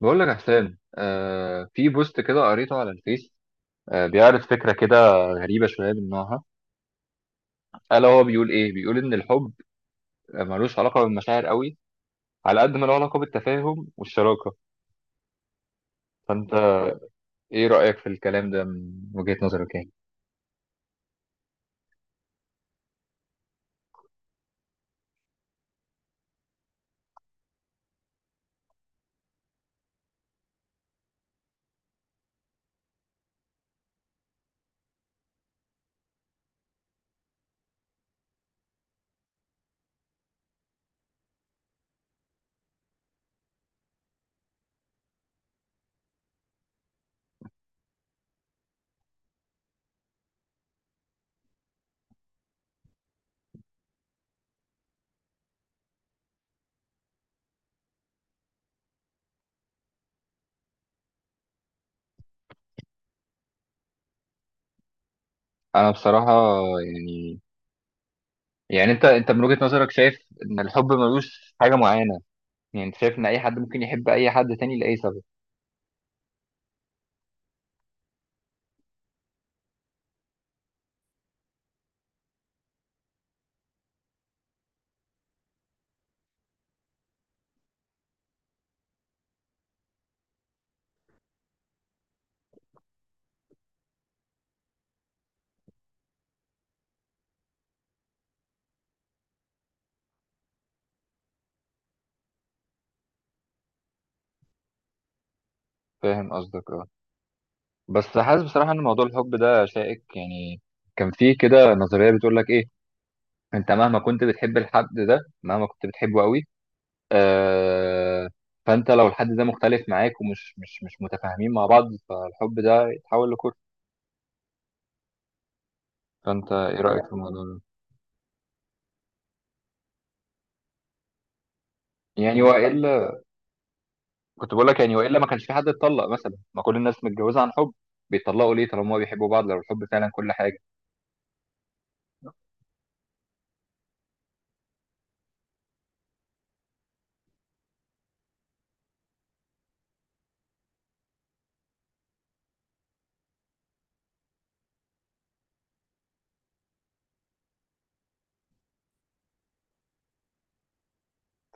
بقول لك يا حسام، في بوست كده قريته على الفيس. بيعرض فكرة كده غريبة شوية من نوعها. ألا هو بيقول إيه؟ بيقول إن الحب ملوش علاقة بالمشاعر قوي على قد ما له علاقة بالتفاهم والشراكة. فأنت إيه رأيك في الكلام ده من وجهة نظرك يعني؟ أنا بصراحة، يعني يعني أنت من وجهة نظرك شايف إن الحب ملوش حاجة معينة. يعني أنت شايف إن أي حد ممكن يحب أي حد تاني لأي سبب. فاهم قصدك أه. بس حاسس بصراحة إن موضوع الحب ده شائك يعني. كان فيه كده نظرية بتقول لك إيه، انت مهما كنت بتحب الحد ده مهما كنت بتحبه قوي، آه فانت لو الحد ده مختلف معاك ومش مش مش متفاهمين مع بعض فالحب ده يتحول لكره. فانت ايه رايك في الموضوع ده؟ يعني والا كنت بقول لك، يعني والا ما كانش في حد اتطلق مثلا، ما كل الناس متجوزه عن حب. بيتطلقوا ليه طالما هما بيحبوا بعض لو الحب فعلا كل حاجه؟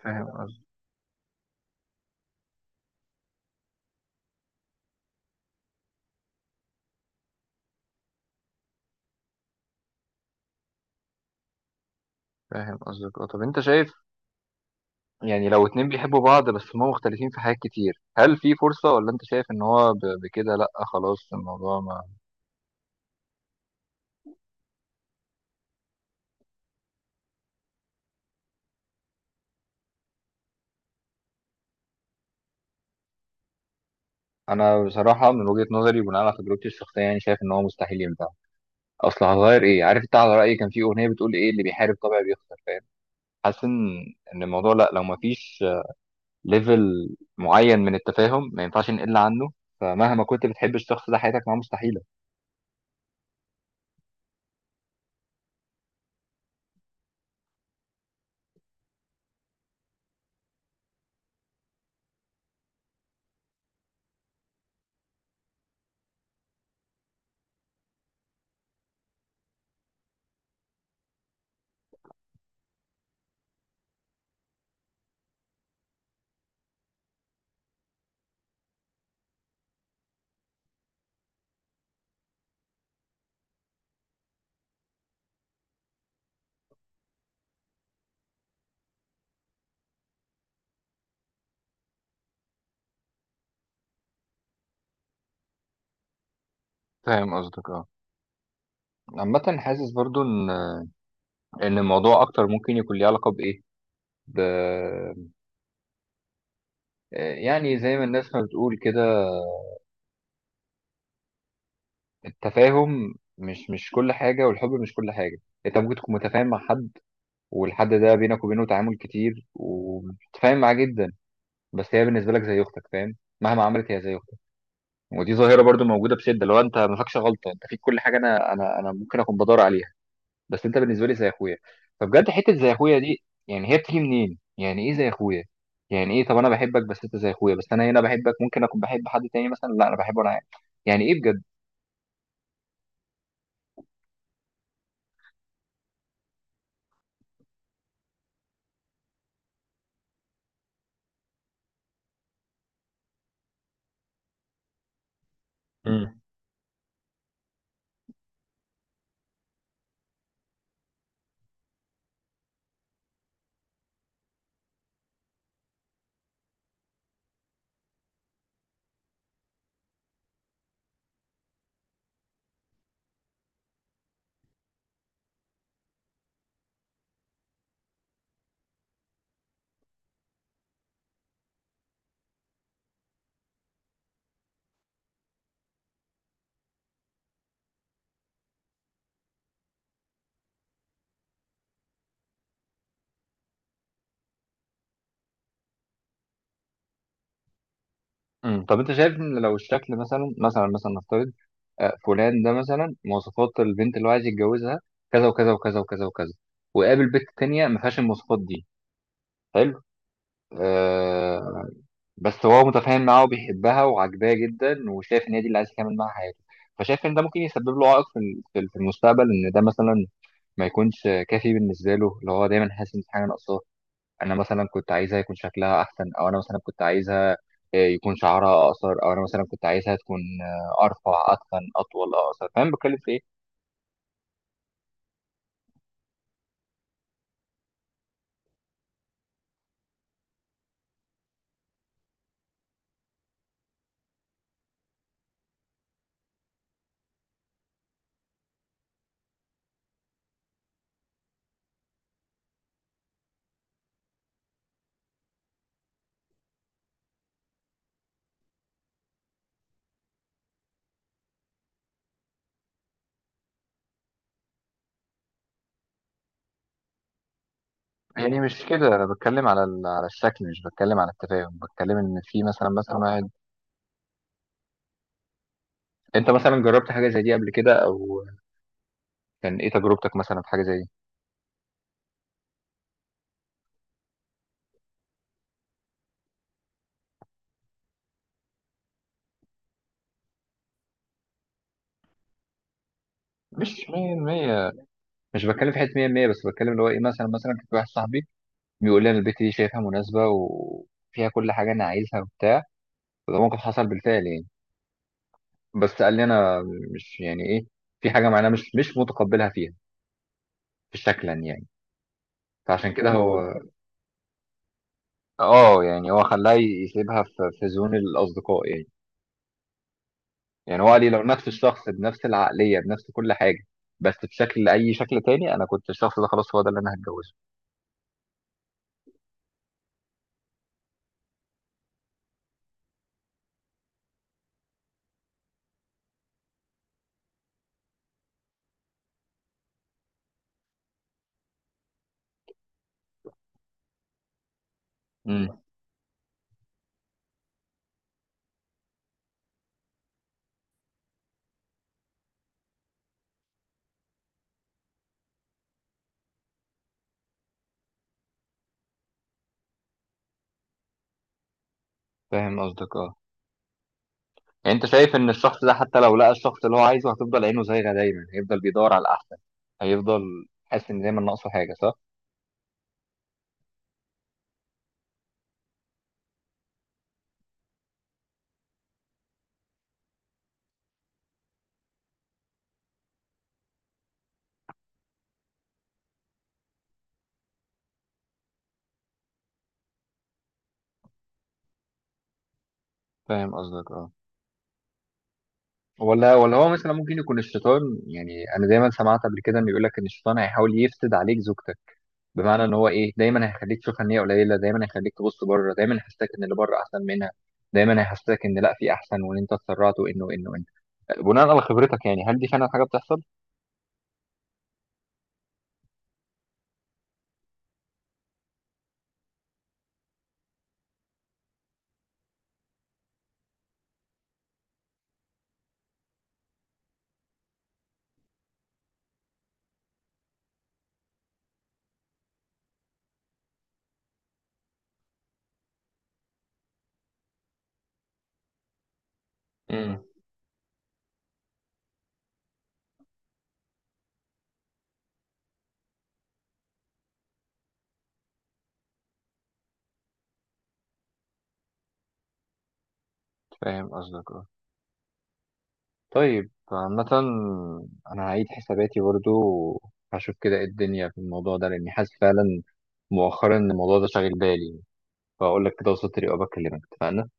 فاهم قصدك فاهم قصدك اه. طب انت شايف، يعني لو اتنين بيحبوا بعض بس هما مختلفين في حاجات كتير، هل في فرصه ولا انت شايف ان هو بكده لا. خلاص الموضوع. انا بصراحه من وجهه نظري بناء على تجربتي الشخصيه يعني شايف ان هو مستحيل ينفع. اصل هتغير ايه؟ عارف انت، على رايي كان في اغنيه بتقول ايه، اللي بيحارب طبعا بيخسر، فاهم. حاسس ان الموضوع، لا، لو ما فيش ليفل معين من التفاهم ما ينفعش نقل عنه. فمهما كنت بتحب الشخص ده حياتك معاه مستحيله. فاهم قصدك اه. عامه حاسس برضو ان الموضوع اكتر ممكن يكون ليه علاقه بايه، ب... يعني زي ما الناس ما بتقول كده، التفاهم مش كل حاجه والحب مش كل حاجه. انت ممكن تكون متفاهم مع حد، والحد ده بينك وبينه تعامل كتير وبتتفاهم معاه جدا، بس هي بالنسبه لك زي اختك، فاهم. مهما عملت هي زي اختك. ودي ظاهره برضو موجوده بشده، لو انت ما فيكش غلطه انت فيك كل حاجه، انا ممكن اكون بدور عليها. بس انت بالنسبه لي زي اخويا، فبجد حته زي اخويا دي يعني هي بتيجي منين؟ يعني ايه زي اخويا؟ يعني ايه؟ طب انا بحبك بس انت زي اخويا، بس انا هنا بحبك ممكن اكون بحب حد تاني مثلا، لا انا بحبه انا عادي. يعني ايه بجد؟ مم. طب انت شايف ان لو الشكل مثلا نفترض، فلان ده مثلا مواصفات البنت اللي هو عايز يتجوزها كذا وكذا وكذا وكذا وكذا، وقابل بنت تانية ما فيهاش المواصفات دي. حلو. آه بس هو متفاهم معاها وبيحبها وعاجباه جدا وشايف ان هي دي اللي عايز يكمل معاها حياته. فشايف ان ده ممكن يسبب له عائق في في المستقبل، ان ده مثلا ما يكونش كافي بالنسبه له، اللي هو دايما حاسس ان في حاجه ناقصاه. انا مثلا كنت عايزها يكون شكلها احسن، او انا مثلا كنت عايزها يكون شعرها اقصر، او انا مثلا كنت عايزها تكون ارفع، اتخن، اطول، اقصر، فاهم بتكلم في ايه؟ يعني مش كده، انا بتكلم على على الشكل، مش بتكلم على التفاهم، بتكلم ان في مثلا واحد. انت مثلا جربت حاجه زي دي قبل كده؟ او كان ايه تجربتك مثلا في حاجه زي دي؟ مش 100%، مش بتكلم في حته 100%، بس بتكلم اللي هو ايه، مثلا كان في واحد صاحبي بيقول لي انا البت دي شايفها مناسبه وفيها كل حاجه انا عايزها وبتاع، وده موقف حصل بالفعل يعني. بس قال لي انا مش، يعني ايه، في حاجه معينه مش متقبلها فيها، في شكلا يعني. فعشان كده هو، اه يعني هو خلاه يسيبها في زون الاصدقاء يعني. يعني هو قال لي لو نفس الشخص بنفس العقليه بنفس كل حاجه، بس بشكل، اي شكل تاني، انا كنت الشخص ده خلاص، هو ده اللي انا هتجوزه. امم فاهم قصدك اه. يعني انت شايف ان الشخص ده حتى لو لقى الشخص اللي هو عايزه هتفضل عينه زايغه، دايما هيفضل بيدور على الاحسن، هيفضل حاسس ان دايما ناقصه حاجه، صح؟ فاهم قصدك اه. ولا هو مثلا ممكن يكون الشيطان، يعني انا دايما سمعت قبل كده انه يقول لك ان الشيطان هيحاول يفسد عليك زوجتك، بمعنى ان هو ايه، دايما هيخليك تشوف ان هي قليله، دايما هيخليك تبص بره، دايما هيحسسك ان اللي بره احسن منها، دايما هيحسسك ان لا في احسن، وان انت اتسرعت، وانه انت، بناء على خبرتك يعني، هل دي فعلا حاجه بتحصل؟ امم فاهم قصدك اه. طيب عامة، انا هعيد حساباتي برضو وهشوف كده ايه الدنيا في الموضوع ده، لاني حاسس فعلا مؤخرا ان الموضوع ده شاغل بالي. فاقول لك كده، وصلت لي، وبكلمك، اتفقنا؟